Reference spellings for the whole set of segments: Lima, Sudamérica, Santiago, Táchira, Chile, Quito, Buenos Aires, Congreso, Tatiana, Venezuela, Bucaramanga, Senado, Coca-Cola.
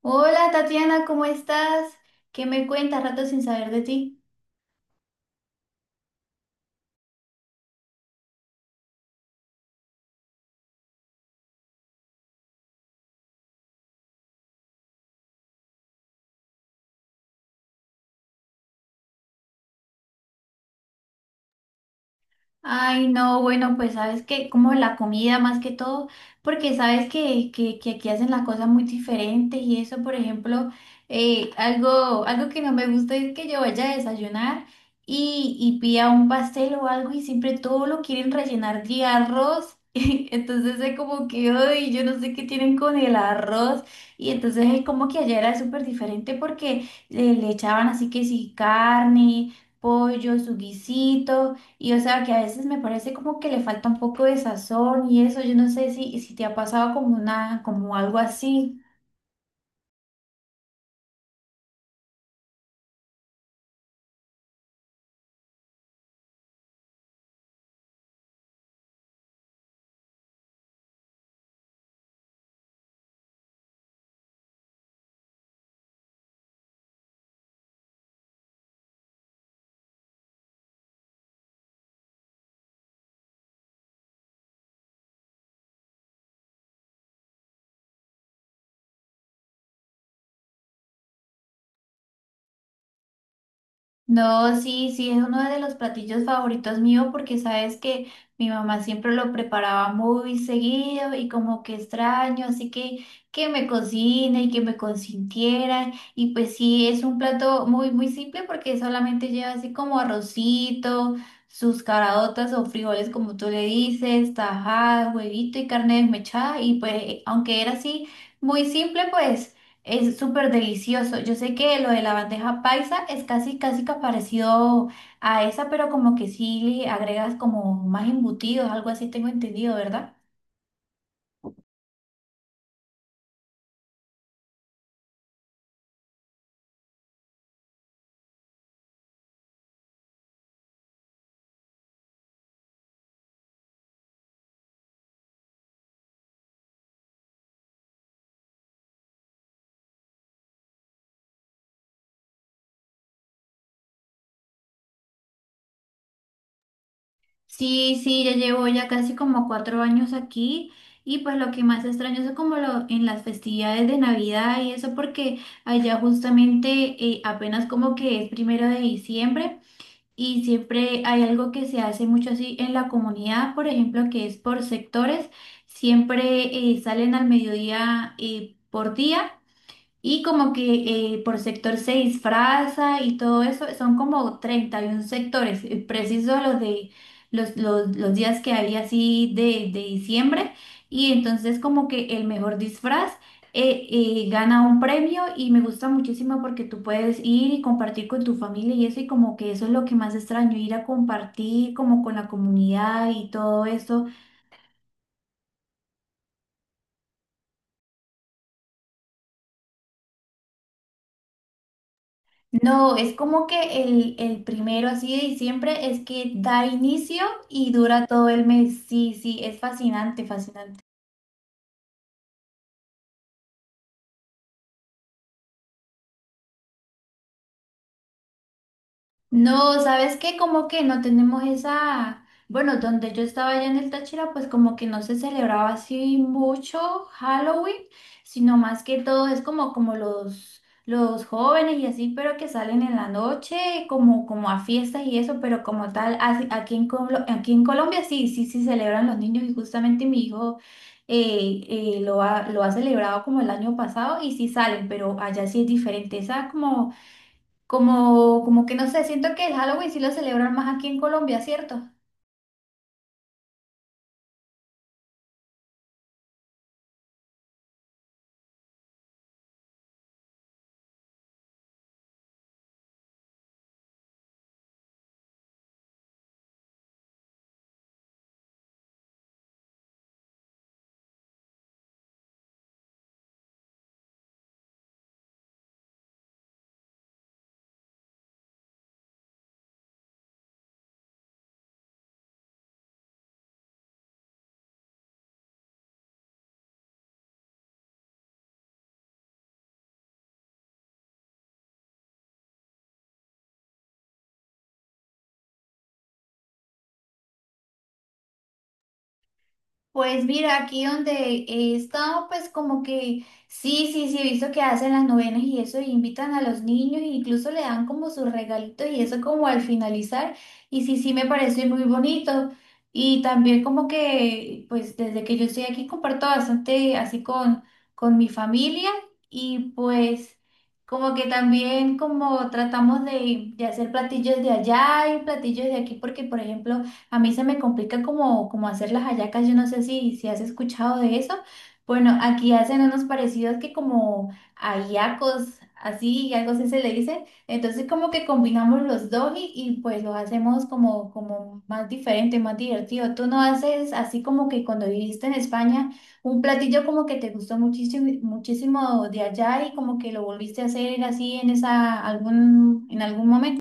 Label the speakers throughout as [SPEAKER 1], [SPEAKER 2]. [SPEAKER 1] Hola Tatiana, ¿cómo estás? ¿Qué me cuentas? Rato sin saber de ti. Ay, no, bueno, pues sabes que como la comida más que todo, porque sabes que aquí hacen las cosas muy diferentes y eso, por ejemplo, algo que no me gusta es que yo vaya a desayunar y pida un pastel o algo y siempre todo lo quieren rellenar de arroz. Entonces es como que, ay, yo no sé qué tienen con el arroz. Y entonces es como que allá era súper diferente porque le echaban así que sí carne, pollo, su guisito. Y o sea que a veces me parece como que le falta un poco de sazón y eso, yo no sé si te ha pasado como una, como algo así. No, sí, sí, es uno de los platillos favoritos mío porque sabes que mi mamá siempre lo preparaba muy seguido y como que extraño, así que me cocine y que me consintiera. Y pues sí, es un plato muy, muy simple porque solamente lleva así como arrocito, sus caraotas o frijoles como tú le dices, tajada, huevito y carne desmechada. Y pues aunque era así muy simple, pues... Es súper delicioso. Yo sé que lo de la bandeja paisa es casi, casi que parecido a esa, pero como que sí le agregas como más embutidos, algo así tengo entendido, ¿verdad? Sí, sí, ya llevo ya casi como 4 años aquí y pues lo que más extraño es como lo, en las festividades de Navidad y eso porque allá justamente apenas como que es primero de diciembre. Y siempre hay algo que se hace mucho así en la comunidad, por ejemplo, que es por sectores. Siempre salen al mediodía por día y como que por sector se disfraza y todo eso, son como 31 sectores, preciso los de los días que había así de diciembre. Y entonces como que el mejor disfraz gana un premio y me gusta muchísimo porque tú puedes ir y compartir con tu familia y eso, y como que eso es lo que más extraño, ir a compartir como con la comunidad y todo eso. No, es como que el primero así de diciembre es que da inicio y dura todo el mes. Sí, sí, es fascinante, fascinante. No, ¿sabes qué? Como que no tenemos esa, bueno, donde yo estaba allá en el Táchira, pues como que no se celebraba así mucho Halloween, sino más que todo es como, como los jóvenes y así, pero que salen en la noche, como, como a fiestas y eso, pero como tal, aquí aquí en Colombia sí, sí, sí celebran los niños y justamente mi hijo eh, lo ha celebrado como el año pasado y sí salen, pero allá sí es diferente, esa como... Como, como que no sé, siento que el Halloween sí lo celebran más aquí en Colombia, ¿cierto? Pues mira, aquí donde he estado, pues como que sí, sí, sí, he visto que hacen las novenas y eso, y invitan a los niños, e incluso le dan como sus regalitos y eso como al finalizar, y sí, sí, me parece muy bonito. Y también como que, pues desde que yo estoy aquí comparto bastante así con mi familia y pues como que también como tratamos de hacer platillos de allá y platillos de aquí, porque por ejemplo... A mí se me complica como, como hacer las hallacas, yo no sé si has escuchado de eso. Bueno, aquí hacen unos parecidos que como hallacos, así, y algo así se le dice. Entonces como que combinamos los dos pues los hacemos como, como más diferente, más divertido. Tú no haces así como que cuando viviste en España, un platillo como que te gustó muchísimo, muchísimo de allá y como que lo volviste a hacer así en esa, algún, en algún momento.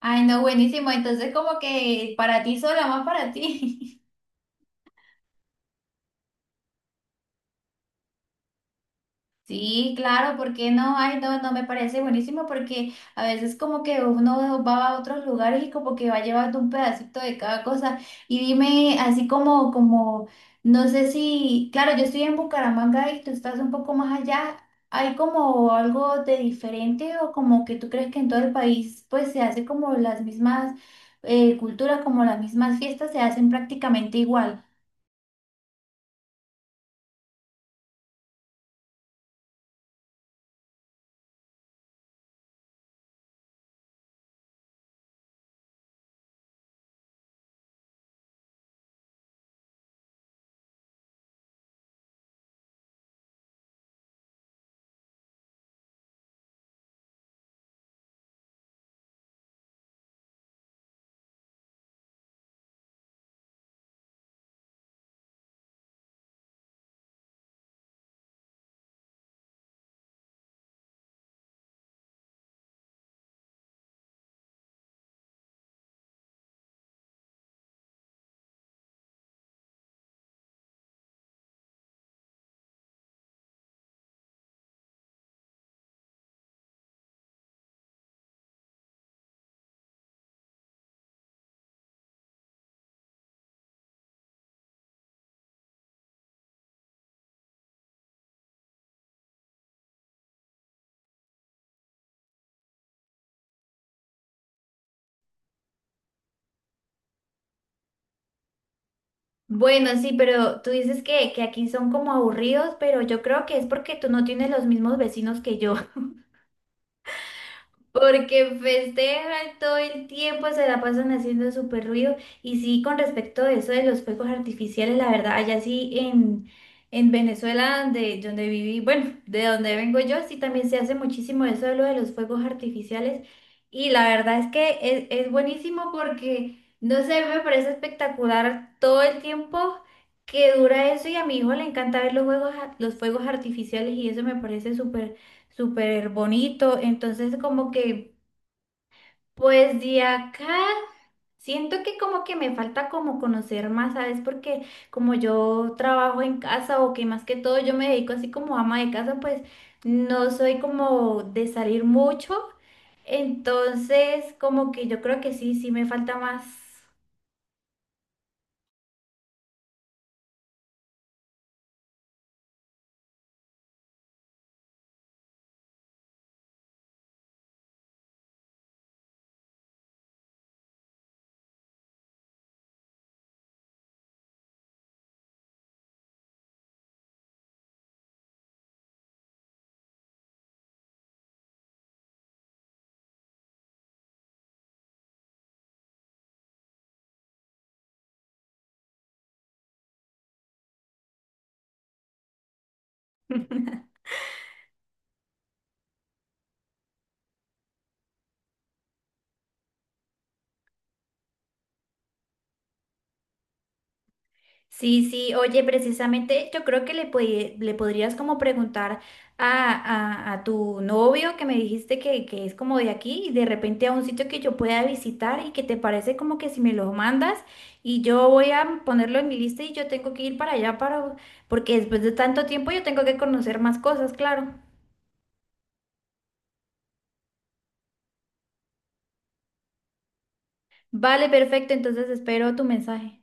[SPEAKER 1] Ay, no, buenísimo. Entonces, como que para ti sola, más para ti. Sí, claro, ¿por qué no? Ay, no, no me parece buenísimo porque a veces como que uno va a otros lugares y como que va llevando un pedacito de cada cosa. Y dime, así como, como, no sé si, claro, yo estoy en Bucaramanga y tú estás un poco más allá. ¿Hay como algo de diferente o como que tú crees que en todo el país pues se hace como las mismas culturas, como las mismas fiestas se hacen prácticamente igual? Bueno, sí, pero tú dices que aquí son como aburridos, pero yo creo que es porque tú no tienes los mismos vecinos que yo. Porque festejan todo el tiempo, se la pasan haciendo súper ruido. Y sí, con respecto a eso de los fuegos artificiales, la verdad, allá sí en Venezuela, donde viví, bueno, de donde vengo yo, sí también se hace muchísimo eso de lo de los fuegos artificiales. Y la verdad es que es buenísimo porque, no sé, me parece espectacular todo el tiempo que dura eso. Y a mi hijo le encanta ver los juegos, los fuegos artificiales y eso me parece súper súper bonito. Entonces, como que, pues de acá, siento que como que me falta como conocer más, ¿sabes? Porque como yo trabajo en casa o que más que todo yo me dedico así como ama de casa, pues no soy como de salir mucho. Entonces, como que yo creo que sí, sí me falta más. Sí, sí, oye, precisamente yo creo que le podrías como preguntar a, a tu novio que me dijiste que es como de aquí y de repente a un sitio que yo pueda visitar y que te parece como que si me lo mandas y yo voy a ponerlo en mi lista y yo tengo que ir para allá para, porque después de tanto tiempo yo tengo que conocer más cosas, claro. Vale, perfecto, entonces espero tu mensaje.